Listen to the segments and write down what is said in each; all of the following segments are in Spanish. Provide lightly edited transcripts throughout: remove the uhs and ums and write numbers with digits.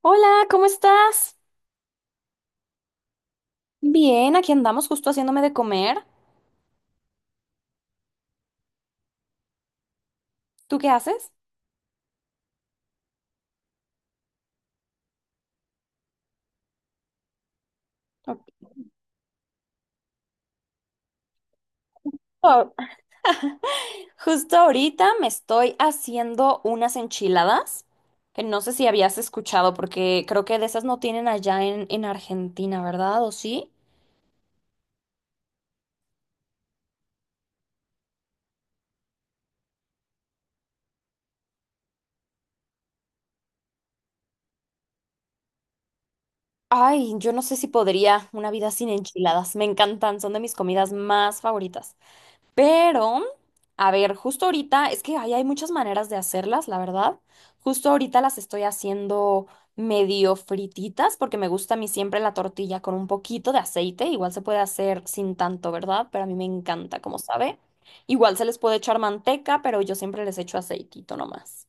Hola, ¿cómo estás? Bien, aquí andamos justo haciéndome de comer. ¿Tú qué haces? Ok. Oh. Justo ahorita me estoy haciendo unas enchiladas, que no sé si habías escuchado, porque creo que de esas no tienen allá en Argentina, ¿verdad? ¿O sí? Ay, yo no sé si podría una vida sin enchiladas. Me encantan, son de mis comidas más favoritas. Pero, a ver, justo ahorita, es que ahí hay muchas maneras de hacerlas, la verdad. Justo ahorita las estoy haciendo medio frititas porque me gusta a mí siempre la tortilla con un poquito de aceite. Igual se puede hacer sin tanto, ¿verdad? Pero a mí me encanta, como sabe. Igual se les puede echar manteca, pero yo siempre les echo aceitito nomás.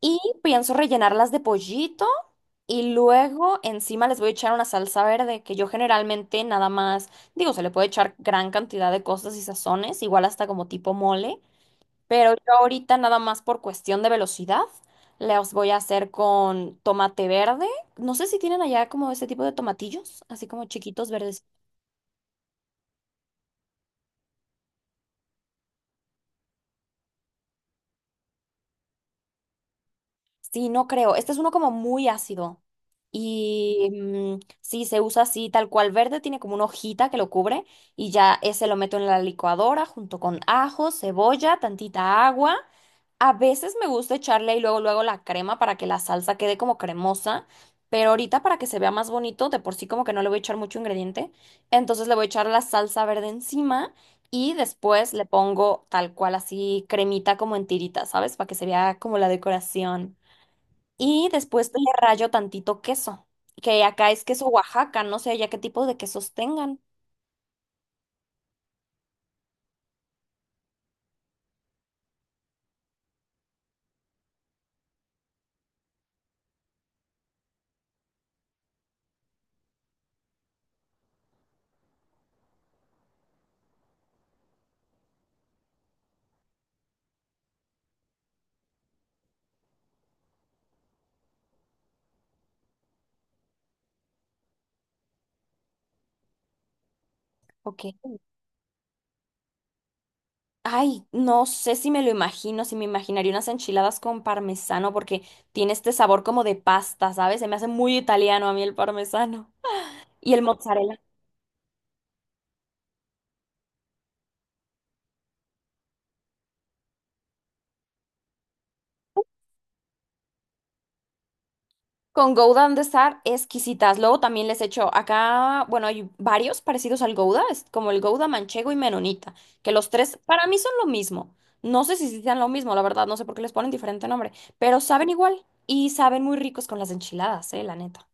Y pienso rellenarlas de pollito y luego encima les voy a echar una salsa verde que yo generalmente nada más, digo, se le puede echar gran cantidad de cosas y sazones, igual hasta como tipo mole, pero yo ahorita nada más por cuestión de velocidad las voy a hacer con tomate verde. No sé si tienen allá como ese tipo de tomatillos, así como chiquitos verdes. Sí, no creo. Este es uno como muy ácido. Y mm, sí, se usa así, tal cual verde, tiene como una hojita que lo cubre y ya ese lo meto en la licuadora junto con ajo, cebolla, tantita agua. A veces me gusta echarle y luego luego la crema para que la salsa quede como cremosa, pero ahorita para que se vea más bonito, de por sí como que no le voy a echar mucho ingrediente, entonces le voy a echar la salsa verde encima y después le pongo tal cual así cremita como en tiritas, ¿sabes? Para que se vea como la decoración. Y después le rayo tantito queso, que acá es queso Oaxaca, no sé ya qué tipo de quesos tengan. Ok. Ay, no sé si me lo imagino, si me imaginaría unas enchiladas con parmesano, porque tiene este sabor como de pasta, ¿sabes? Se me hace muy italiano a mí el parmesano. Y el mozzarella. Con Gouda han de estar exquisitas. Luego también les echo acá, bueno, hay varios parecidos al Gouda, es como el Gouda manchego y menonita, que los tres para mí son lo mismo. No sé si sí sean lo mismo, la verdad, no sé por qué les ponen diferente nombre, pero saben igual y saben muy ricos con las enchiladas, la neta.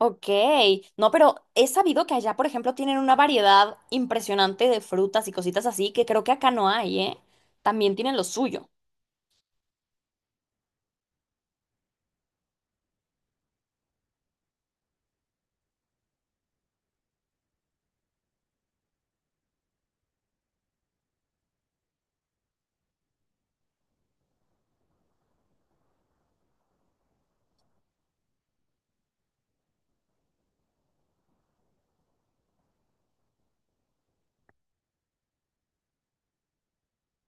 Ok, no, pero he sabido que allá, por ejemplo, tienen una variedad impresionante de frutas y cositas así que creo que acá no hay, ¿eh? También tienen lo suyo.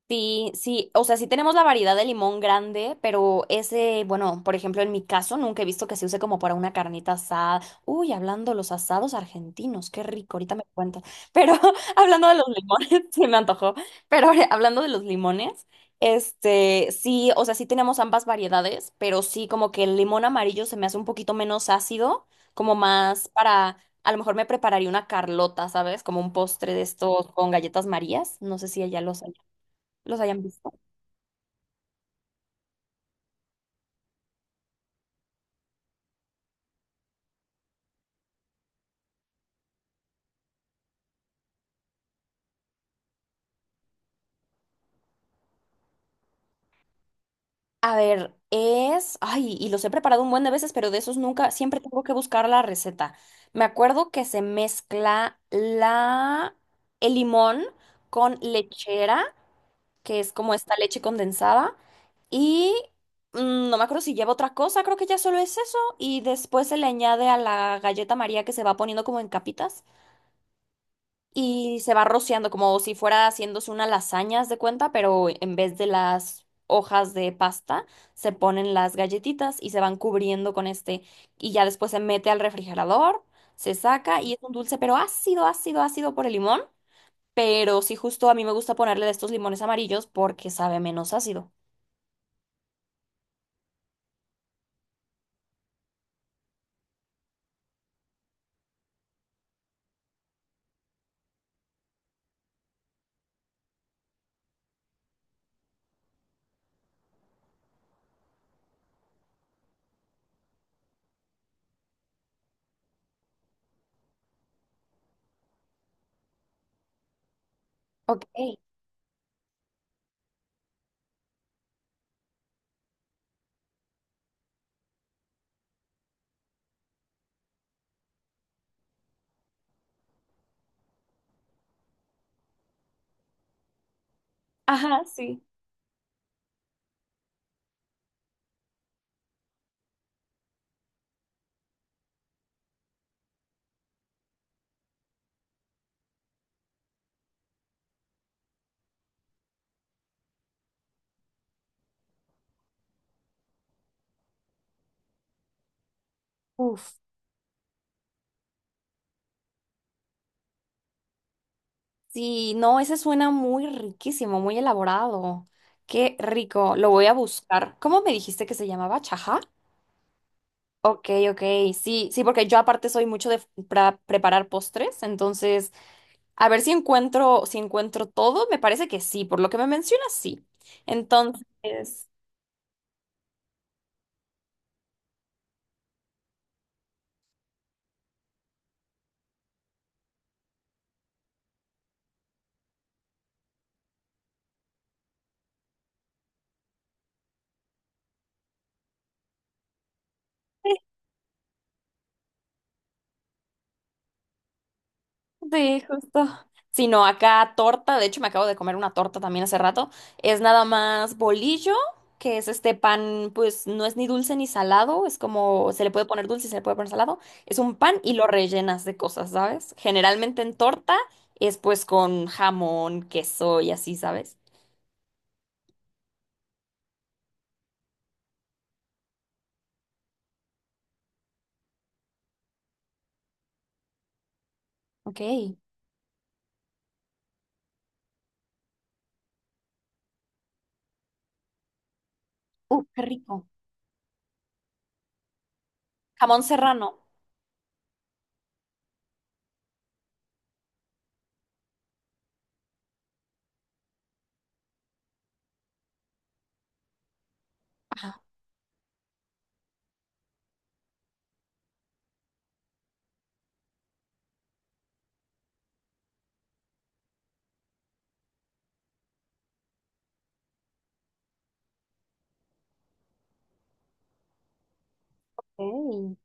Sí, sí, o sea, sí tenemos la variedad de limón grande, pero ese, bueno, por ejemplo, en mi caso nunca he visto que se use como para una carnita asada. Uy, hablando de los asados argentinos, qué rico, ahorita me cuentas. Pero hablando de los limones, sí me antojó, pero ahora, hablando de los limones, este, sí, o sea, sí tenemos ambas variedades, pero sí como que el limón amarillo se me hace un poquito menos ácido, como más para, a lo mejor me prepararía una carlota, ¿sabes? Como un postre de estos con galletas Marías, no sé si ella los hayan visto. A ver, es, ay, y los he preparado un buen de veces, pero de esos nunca, siempre tengo que buscar la receta. Me acuerdo que se mezcla el limón con lechera, que es como esta leche condensada, y mm, no me acuerdo si lleva otra cosa, creo que ya solo es eso, y después se le añade a la galleta María que se va poniendo como en capitas, y se va rociando como si fuera haciéndose una lasaña, haz de cuenta, pero en vez de las hojas de pasta, se ponen las galletitas y se van cubriendo con este y ya después se mete al refrigerador, se saca y es un dulce, pero ácido, ácido, ácido por el limón. Pero sí, justo a mí me gusta ponerle de estos limones amarillos porque sabe menos ácido. Ok. Ajá, sí. Uf. Sí, no, ese suena muy riquísimo, muy elaborado. Qué rico. Lo voy a buscar. ¿Cómo me dijiste que se llamaba? ¿Chaja? Ok, ok, sí, sí, porque yo aparte soy mucho de preparar postres, entonces a ver si encuentro, si encuentro todo, me parece que sí, por lo que me mencionas, sí. Entonces, sí, justo. Sino acá torta, de hecho me acabo de comer una torta también hace rato. Es nada más bolillo, que es este pan, pues no es ni dulce ni salado, es como se le puede poner dulce y se le puede poner salado. Es un pan y lo rellenas de cosas, ¿sabes? Generalmente en torta es pues con jamón, queso y así, ¿sabes? Ok. Qué rico. Jamón serrano. Ah, ok.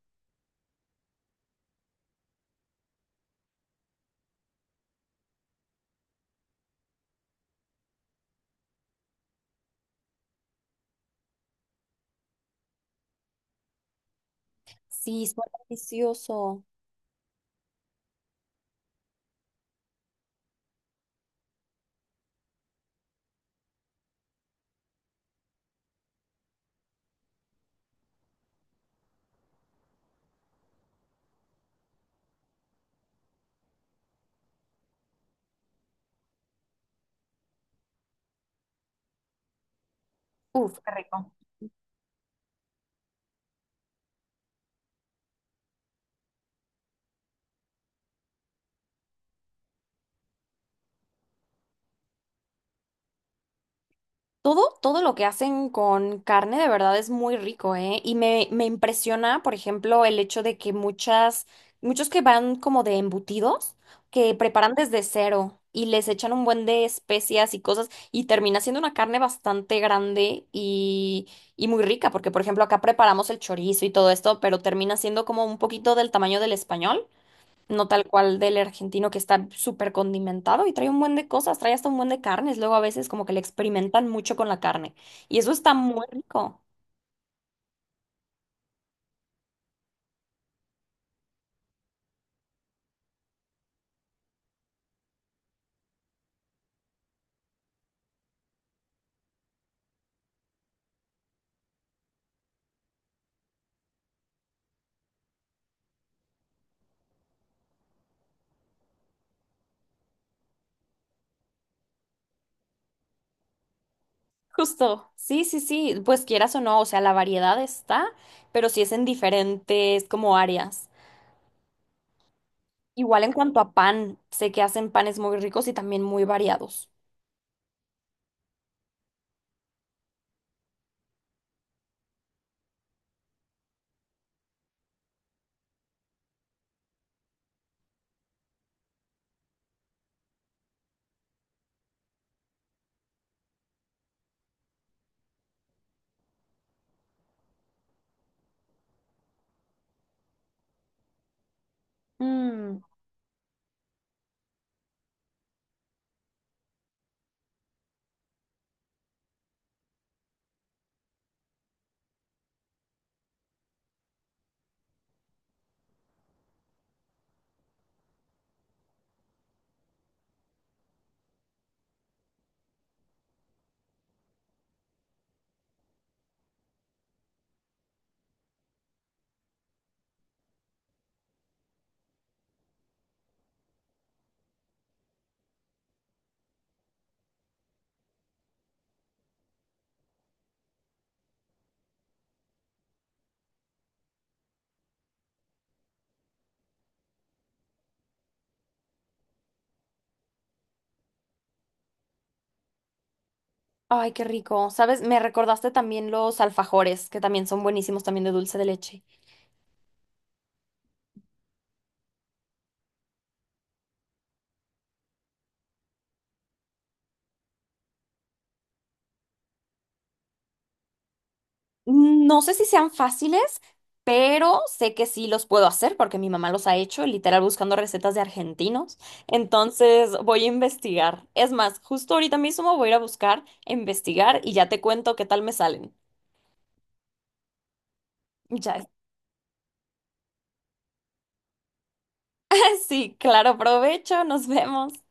Sí, suena delicioso. Uf, qué rico. Todo, todo lo que hacen con carne de verdad es muy rico, ¿eh? Y me impresiona, por ejemplo, el hecho de que muchos que van como de embutidos, que preparan desde cero y les echan un buen de especias y cosas y termina siendo una carne bastante grande y muy rica, porque por ejemplo acá preparamos el chorizo y todo esto, pero termina siendo como un poquito del tamaño del español no tal cual del argentino que está súper condimentado y trae un buen de cosas, trae hasta un buen de carnes. Luego a veces como que le experimentan mucho con la carne y eso está muy rico. Justo, sí, sí, sí, pues quieras o no, o sea, la variedad está, pero sí es en diferentes como áreas. Igual en cuanto a pan, sé que hacen panes muy ricos y también muy variados. Mm. Ay, qué rico. ¿Sabes? Me recordaste también los alfajores, que también son buenísimos también de dulce de leche. No sé si sean fáciles, pero sé que sí los puedo hacer porque mi mamá los ha hecho, literal buscando recetas de argentinos. Entonces voy a investigar. Es más, justo ahorita mismo voy a ir a buscar, a investigar y ya te cuento qué tal me salen. Ya, sí, claro, provecho, nos vemos.